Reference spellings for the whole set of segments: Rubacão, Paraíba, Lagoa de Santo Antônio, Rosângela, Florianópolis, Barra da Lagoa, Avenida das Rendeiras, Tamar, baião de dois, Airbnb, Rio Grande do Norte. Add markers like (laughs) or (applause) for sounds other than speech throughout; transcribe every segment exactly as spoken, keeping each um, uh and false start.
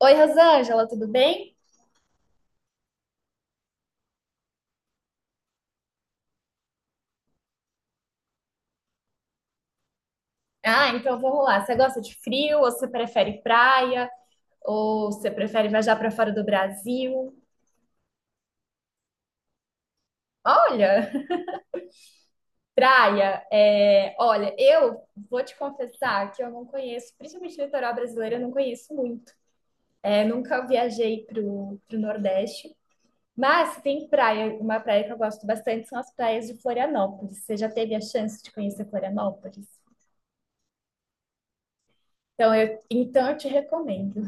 Oi, Rosângela, tudo bem? Ah, então vamos lá. Você gosta de frio ou você prefere praia? Ou você prefere viajar para fora do Brasil? Olha, (laughs) praia, é, olha, eu vou te confessar que eu não conheço, principalmente o litoral brasileiro, eu não conheço muito. É, nunca viajei para o Nordeste, mas tem praia, uma praia que eu gosto bastante são as praias de Florianópolis. Você já teve a chance de conhecer Florianópolis? Então eu, então eu te recomendo.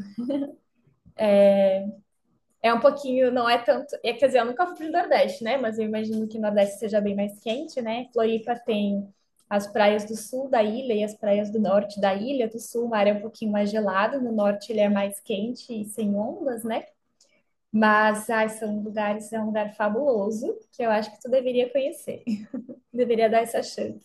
É um pouquinho, não é tanto. É, quer dizer, eu nunca fui pro Nordeste, né? Mas eu imagino que o Nordeste seja bem mais quente, né? Floripa tem as praias do sul da ilha e as praias do norte da ilha. Do sul, o mar é um pouquinho mais gelado, no norte ele é mais quente e sem ondas, né? Mas ai, são lugares, é um lugar fabuloso que eu acho que tu deveria conhecer. (laughs) Deveria dar essa chance.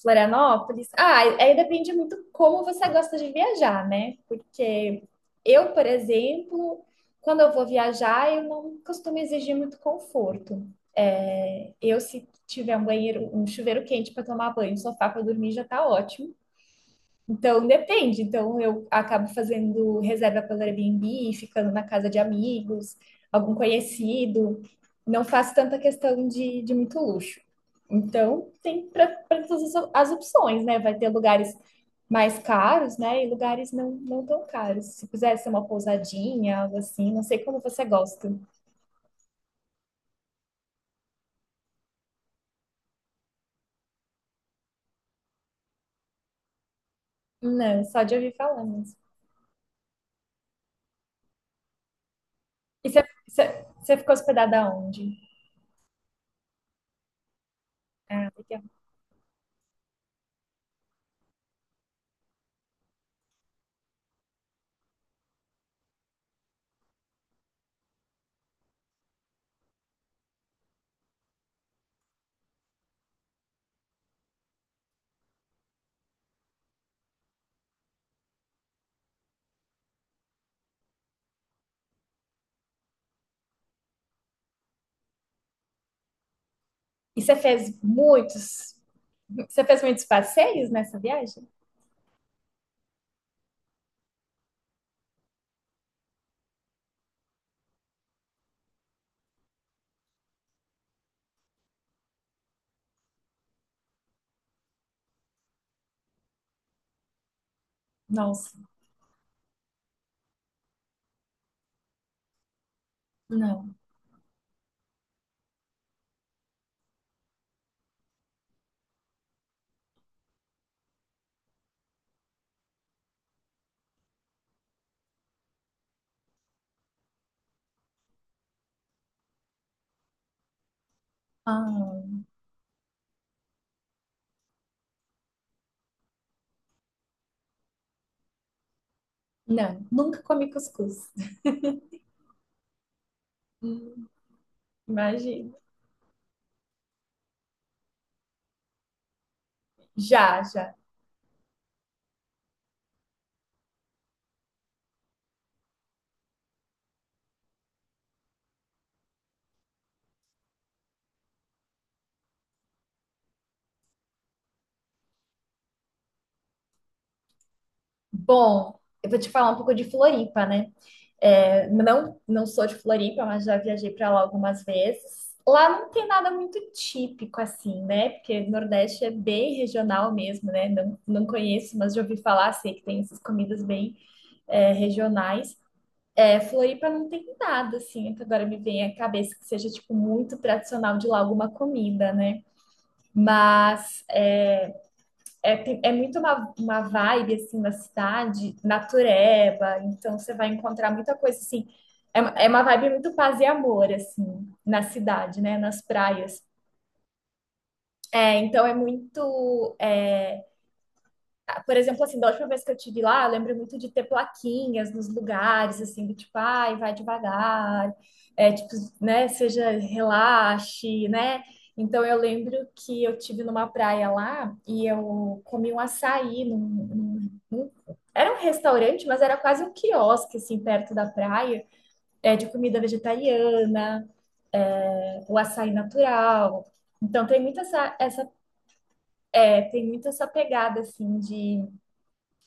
Florianópolis? Ah, aí depende muito como você gosta de viajar, né? Porque eu, por exemplo, quando eu vou viajar, eu não costumo exigir muito conforto. É, eu, se tiver um banheiro, um chuveiro quente para tomar banho, um sofá para dormir, já tá ótimo. Então, depende. Então, eu acabo fazendo reserva pelo Airbnb, ficando na casa de amigos, algum conhecido. Não faço tanta questão de, de muito luxo. Então, tem para todas as op- as opções, né? Vai ter lugares mais caros, né? E lugares não, não tão caros. Se quiser ser uma pousadinha, algo assim, não sei como você gosta. Não, só de ouvir falar mesmo. E você você- você ficou hospedada onde? Ah, legal. E você fez muitos Você fez muitos passeios nessa viagem? Nossa, não. Ah, não, nunca comi cuscuz. Hum, Imagina. Já, já. Bom, eu vou te falar um pouco de Floripa, né? É, não, não sou de Floripa, mas já viajei para lá algumas vezes. Lá não tem nada muito típico assim, né? Porque Nordeste é bem regional mesmo, né? Não, não conheço, mas já ouvi falar, sei que tem essas comidas bem é, regionais. É, Floripa não tem nada, assim, é que agora me vem à cabeça que seja, tipo, muito tradicional de lá alguma comida, né? Mas é, tem- é muito uma, uma vibe, assim, da cidade, natureba, então você vai encontrar muita coisa, assim, é, uma- é uma vibe muito paz e amor, assim, na cidade, né? Nas praias. É, então é muito... é, por exemplo, assim, da última vez que eu tive lá, eu lembro muito de ter plaquinhas nos lugares, assim, do tipo, ai, vai devagar, é, tipo, né, seja, relaxe, né? Então, eu lembro que eu tive numa praia lá e eu comi um açaí num, num- num- era um restaurante, mas era quase um quiosque, assim, perto da praia, é, de comida vegetariana, é, o açaí natural. Então, tem muito essa, essa, é, tem muito essa pegada, assim, de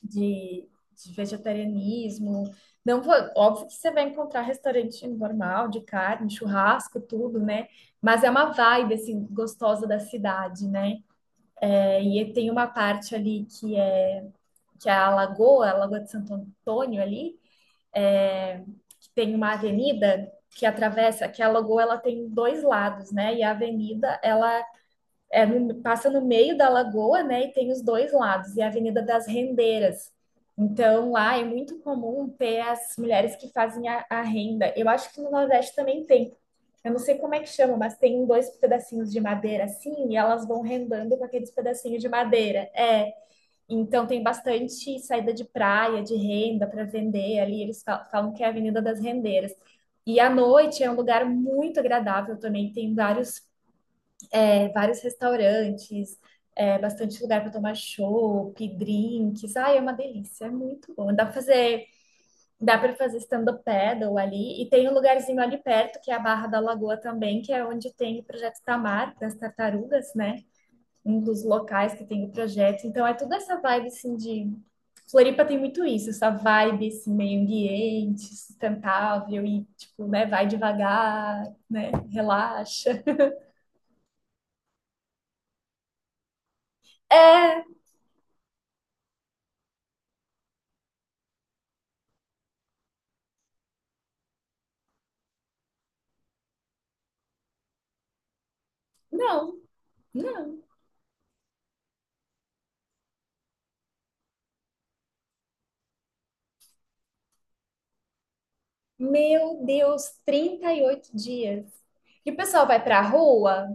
de, de vegetarianismo. Não vou, óbvio que você vai encontrar restaurante normal, de carne, churrasco, tudo, né? Mas é uma vibe, assim, gostosa da cidade, né? É, e tem uma parte ali que é, que é a Lagoa, a Lagoa de Santo Antônio ali, é, que tem uma avenida que atravessa, que a Lagoa, ela tem dois lados, né? E a avenida, ela é no- passa no meio da lagoa, né? E tem os dois lados, e a Avenida das Rendeiras. Então, lá é muito comum ter as mulheres que fazem a, a renda. Eu acho que no Nordeste também tem. Eu não sei como é que chama, mas tem dois pedacinhos de madeira assim, e elas vão rendando com aqueles pedacinhos de madeira. É, então tem bastante saída de praia, de renda para vender ali. Eles fa- falam que é a Avenida das Rendeiras. E à noite é um lugar muito agradável também, tem vários é, vários restaurantes, é, bastante lugar para tomar chopp, drinks. Ai, é uma delícia, é muito bom. Dá para fazer, dá para fazer stand-up paddle ali. E tem um lugarzinho ali perto, que é a Barra da Lagoa também, que é onde tem o projeto Tamar, das tartarugas, né? Um dos locais que tem o projeto. Então, é toda essa vibe, assim, de... Floripa tem muito isso, essa vibe, esse meio ambiente, sustentável e, tipo, né, vai devagar, né, relaxa. É, não, não, Meu Deus, trinta e oito dias. E o pessoal vai pra rua?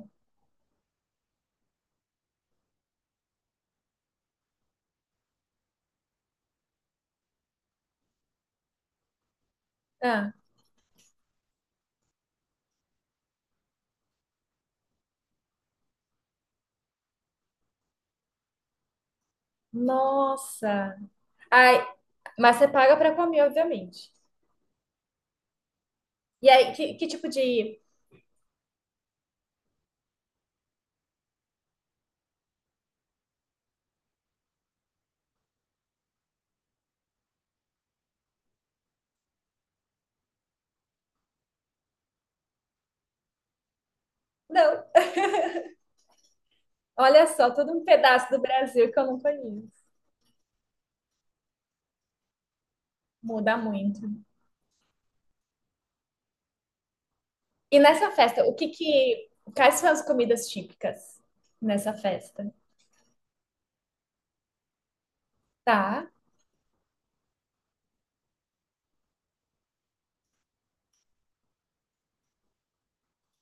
Ah, nossa. Ai, mas você paga pra comer, obviamente. E aí, que, que tipo de. Não, olha só, todo um pedaço do Brasil que eu não conheço. Muda muito. E nessa festa, o que que. Quais são as comidas típicas nessa festa? Tá?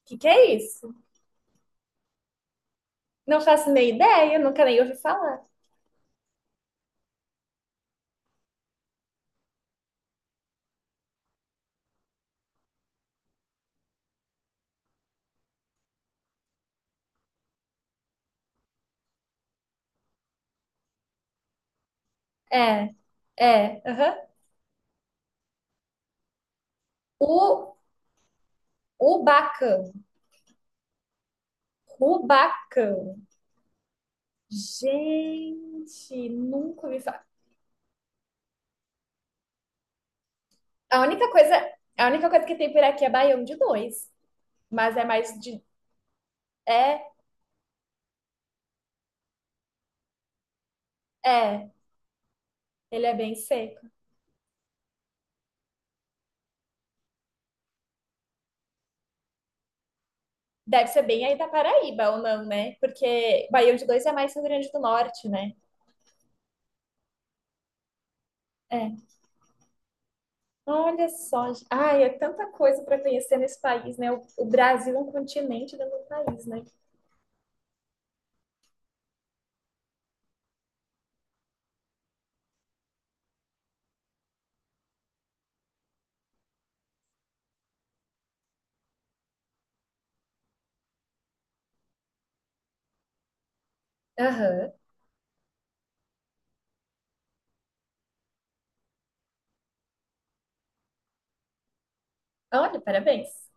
O que que é isso? Não faço nem ideia, nunca nem ouvi falar. É, é, aham. O Rubacão. Rubacão. Gente, nunca me fala. A única coisa, a única coisa que tem por aqui é baião de dois, mas é mais de é, é, ele é bem seco. Deve ser bem aí da Paraíba ou não, né? Porque baião de dois é mais Rio Grande do Norte, né? É. Olha só, gente. Ai, é tanta coisa para conhecer nesse país, né? O, o Brasil é um continente dentro do país, né? Aham. Olha, parabéns.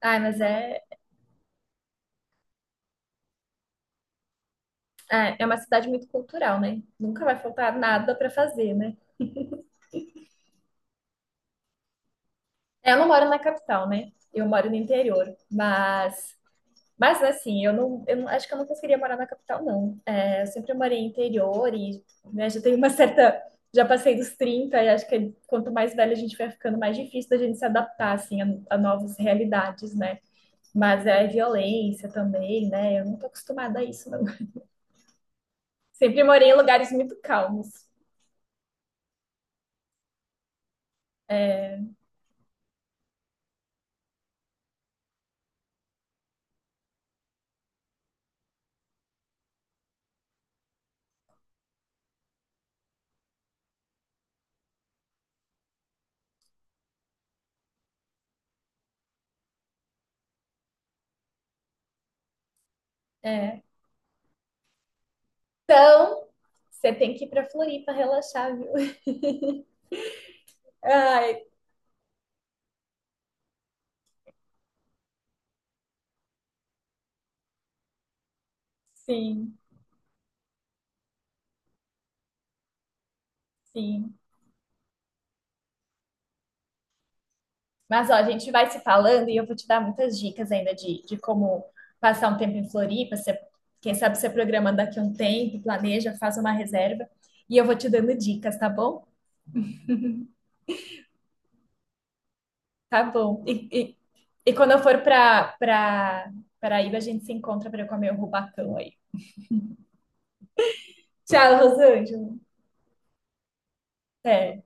Ai, mas é, é é uma cidade muito cultural, né? Nunca vai faltar nada para fazer, né? É, eu não moro na capital, né? Eu moro no interior, mas, mas assim, eu não, eu não- acho que eu não conseguiria morar na capital, não. É, eu sempre morei em interior e né, já tenho uma (laughs) certa, já passei dos trinta e acho que quanto mais velha a gente vai ficando, mais difícil da gente se adaptar assim a, a novas realidades, né? Mas é violência também, né? Eu não tô acostumada a isso, não. (laughs) Sempre morei em lugares muito calmos. É. Então, você tem que ir pra Floripa relaxar, viu? (laughs) Ai, sim. Sim. Mas, ó, a gente vai se falando e eu vou te dar muitas dicas ainda de, de como passar um tempo em Floripa. Você, quem sabe você programando daqui a um tempo, planeja, faz uma reserva. E eu vou te dando dicas, tá bom? Tá bom. E, e, e quando eu for para para Paraíba, a gente se encontra para eu comer o rubacão aí. Tchau, Rosângela. Até.